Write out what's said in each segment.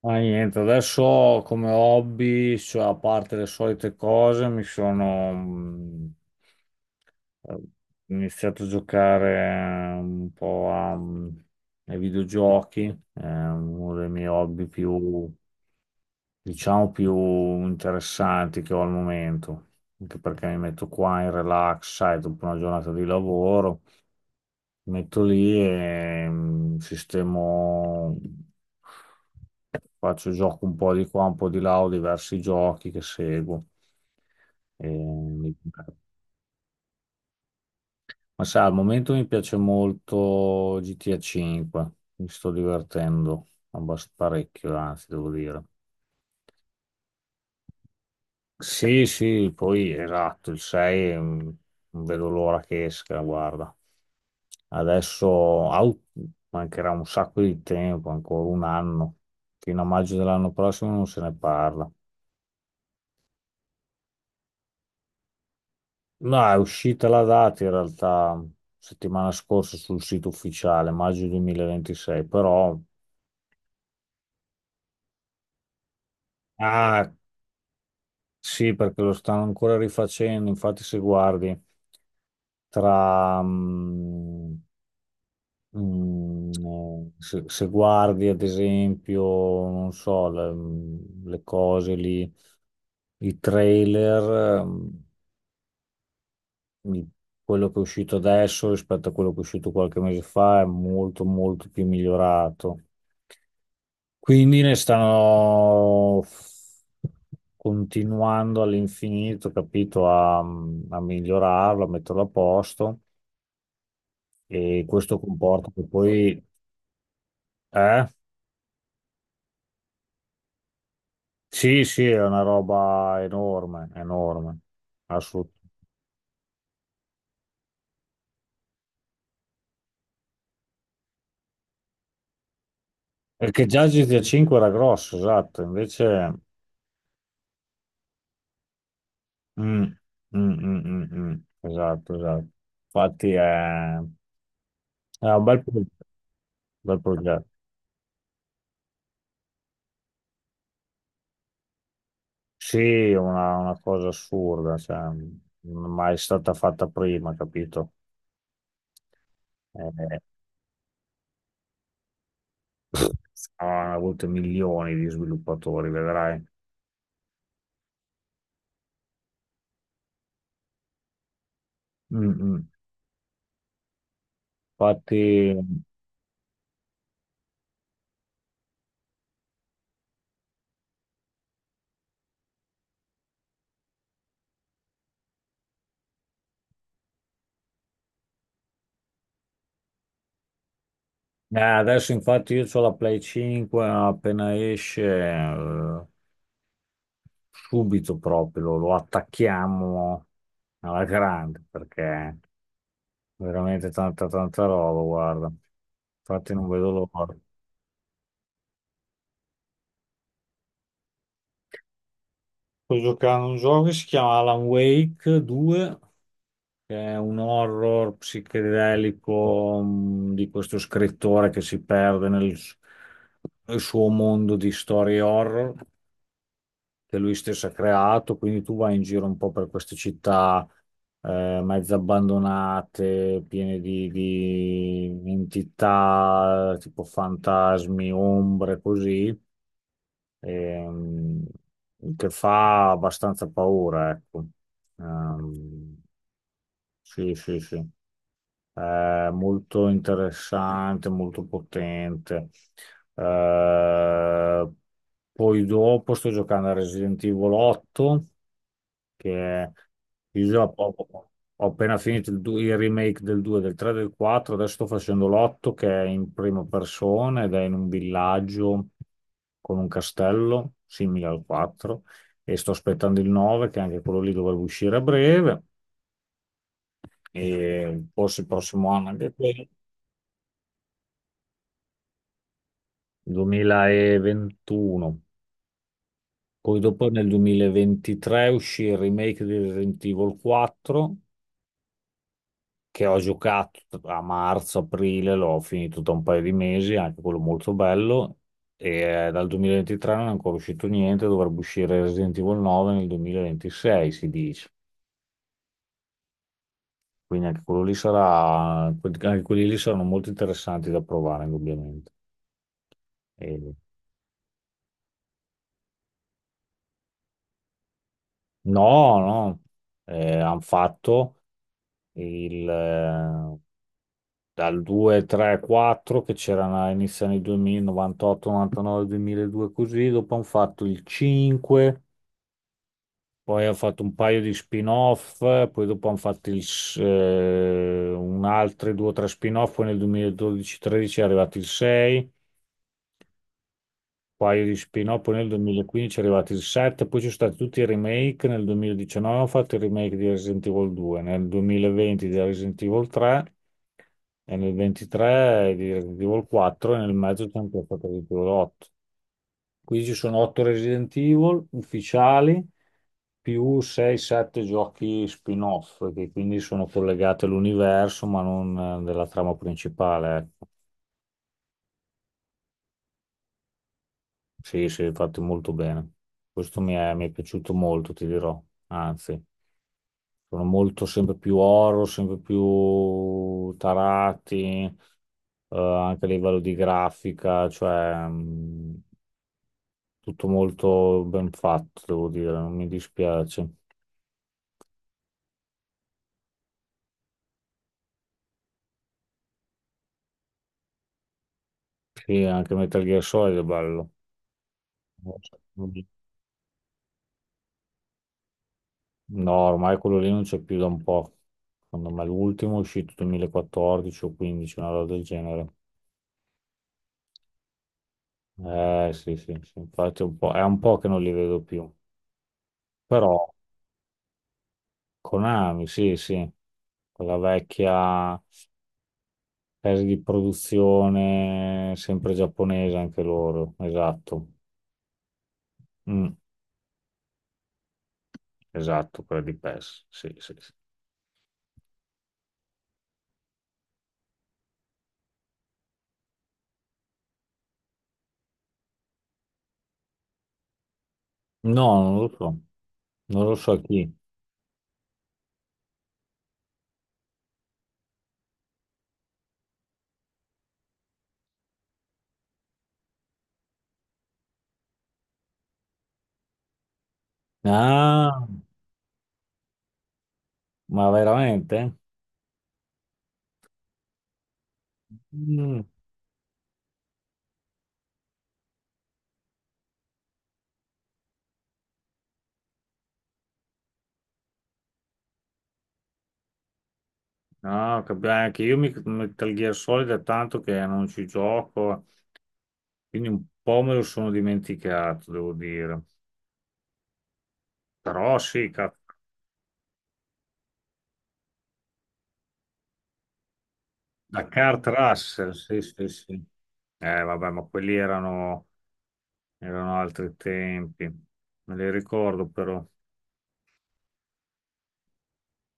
Ma niente, adesso come hobby, cioè, a parte le solite cose, mi sono eh, iniziato a giocare un po' a, ai videogiochi, è uno dei miei hobby più, diciamo, più interessanti che ho al momento, anche perché mi metto qua in relax, sai, dopo una giornata di lavoro, mi metto lì e sistemo faccio gioco un po' di qua, un po' di là, ho diversi giochi che seguo. E mi- Ma sai, al momento mi piace molto GTA 5, mi sto divertendo parecchio, anzi, devo dire. Sì, sì, poi esatto, il 6 non vedo l'ora che esca, guarda. Adesso mancherà un sacco di tempo, ancora un anno. Fino a maggio dell'anno prossimo non se ne parla. No, è uscita la data in realtà settimana scorsa sul sito ufficiale, maggio 2026, però. Ah, sì, perché lo stanno ancora rifacendo, infatti se guardi tra... mm, se guardi ad esempio, non so, le, le cose lì, i trailer, i- quello che è uscito adesso rispetto a quello che è uscito qualche mese fa è molto molto più migliorato. Quindi ne stanno continuando all'infinito, capito, a migliorarlo, a metterlo a posto e questo comporta che poi. Eh? Sì, sì, è una roba enorme, enorme, assolutamente. Perché già GTA 5 era grosso, esatto, invece. Mm, mm, mm, mm, mm, esatto, esatto. Infatti è un bel progetto. Sì, una cosa assurda, cioè, non è mai stata fatta prima, capito? Eh, hanno avuto milioni di sviluppatori, vedrai. Mm, mm. Infatti, adesso infatti io ho la Play 5, appena esce, eh, subito proprio lo attacchiamo alla grande, perché veramente tanta tanta roba, guarda. Infatti non vedo l'ora. Sto giocando a un gioco che si chiama Alan Wake 2. Che è un horror psichedelico di questo scrittore che si perde nel suo mondo di storie horror che lui stesso ha creato. Quindi tu vai in giro un po' per queste città mezze abbandonate, piene di entità tipo fantasmi, ombre, così, ehm, che fa abbastanza paura, ecco. Ehm, sì, sì, sì. Molto interessante, molto potente. Eh, poi dopo sto giocando a Resident Evil 8, che è- io già ho appena finito il remake del 2, del 3, del 4, adesso sto facendo l'8 che è in prima persona ed è in un villaggio con un castello simile al 4 e sto aspettando il 9 che anche quello lì dovrebbe uscire a breve e forse il prossimo anno anche quello. 2021. Poi dopo nel 2023 uscì il remake di Resident Evil 4 che ho giocato a marzo, aprile, l'ho finito da un paio di mesi, anche quello molto bello. E dal 2023 non è ancora uscito niente, dovrebbe uscire Resident Evil 9 nel 2026, si dice. Quindi anche quello lì sarà, anche quelli lì saranno molto interessanti da provare, indubbiamente. E- No, no, hanno fatto il, eh, dal 2, 3, 4 che c'erano all'inizio anni 2000, 98, 99, 2002 così, dopo hanno fatto il 5, poi hanno fatto un paio di spin-off, poi dopo hanno fatto un altro 2 o 3 spin-off, poi nel 2012-13 è arrivato il 6, un paio di spin-off, poi nel 2015 è arrivato il 7, poi ci sono stati tutti i remake, nel 2019 hanno fatto il remake di Resident Evil 2, nel 2020 di Resident Evil 3, e nel 23 di Resident Evil 4 e nel mezzo c'è anche stato Resident Evil 8. Quindi ci sono 8 Resident Evil ufficiali più 6-7 giochi spin-off che quindi sono collegati all'universo ma non della trama principale. Ecco. Sì, sì, fatti molto bene. Questo mi è piaciuto molto, ti dirò. Anzi, sono molto sempre più oro, sempre più tarati, anche a livello di grafica, cioè, tutto molto ben fatto, devo dire, non mi dispiace. Sì, anche Metal Gear Solid è bello. No, ormai quello lì non c'è più da un po'. Secondo me l'ultimo è uscito 2014 o 2015, una roba del genere. Eh sì, sì, sì, infatti è un po' che non li vedo più. Però. Konami, sì, sì, quella vecchia casa di produzione sempre giapponese anche loro, esatto. Mm, esatto, quella di PES, sì, sì, sì. No, non lo so chi. Ah, ma veramente? Mm. No, anche io mi Metal Gear Solid è tanto che non ci gioco, quindi un po' me lo sono dimenticato, devo dire. Però sì, da Kurt Russell, sì, sì, sì. Vabbè, ma quelli erano altri tempi, me li ricordo però.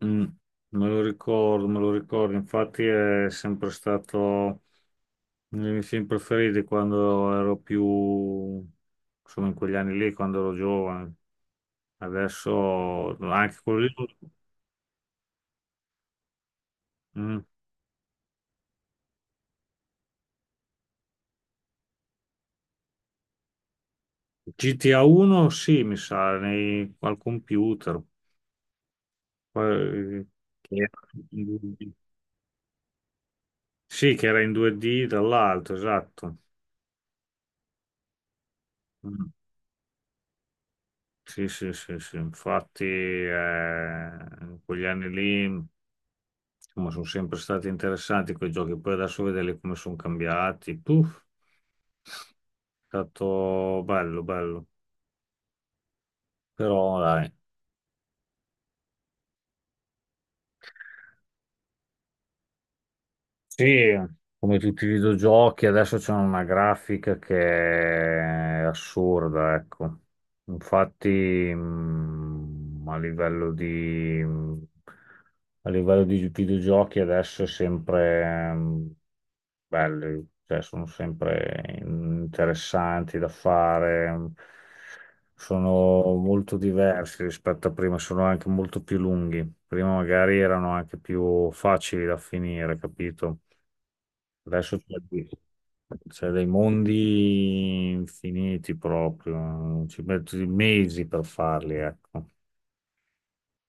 Mm, me lo ricordo, infatti è sempre stato. I miei film preferiti quando ero più, insomma, in quegli anni lì, quando ero giovane. Adesso anche quello lì. Mm. GTA 1, sì, mi sa, al computer. Poi- che era in 2D. Sì, che era in 2D dall'alto, esatto. Mm. Sì, sì, sì, sì. Infatti, in quegli anni lì, insomma, sono sempre stati interessanti quei giochi. Poi adesso vederli come sono cambiati. Puff. È stato bello, bello. Però, dai. Sì, come tutti i videogiochi, adesso c'è una grafica che è assurda, ecco. Infatti, mh, a livello di, a livello di videogiochi adesso è sempre belli, cioè sono sempre interessanti da fare, sono molto diversi rispetto a prima, sono anche molto più lunghi. Prima magari erano anche più facili da finire, capito? Adesso c'è dei mondi infiniti proprio, ci metti mesi per farli, ecco.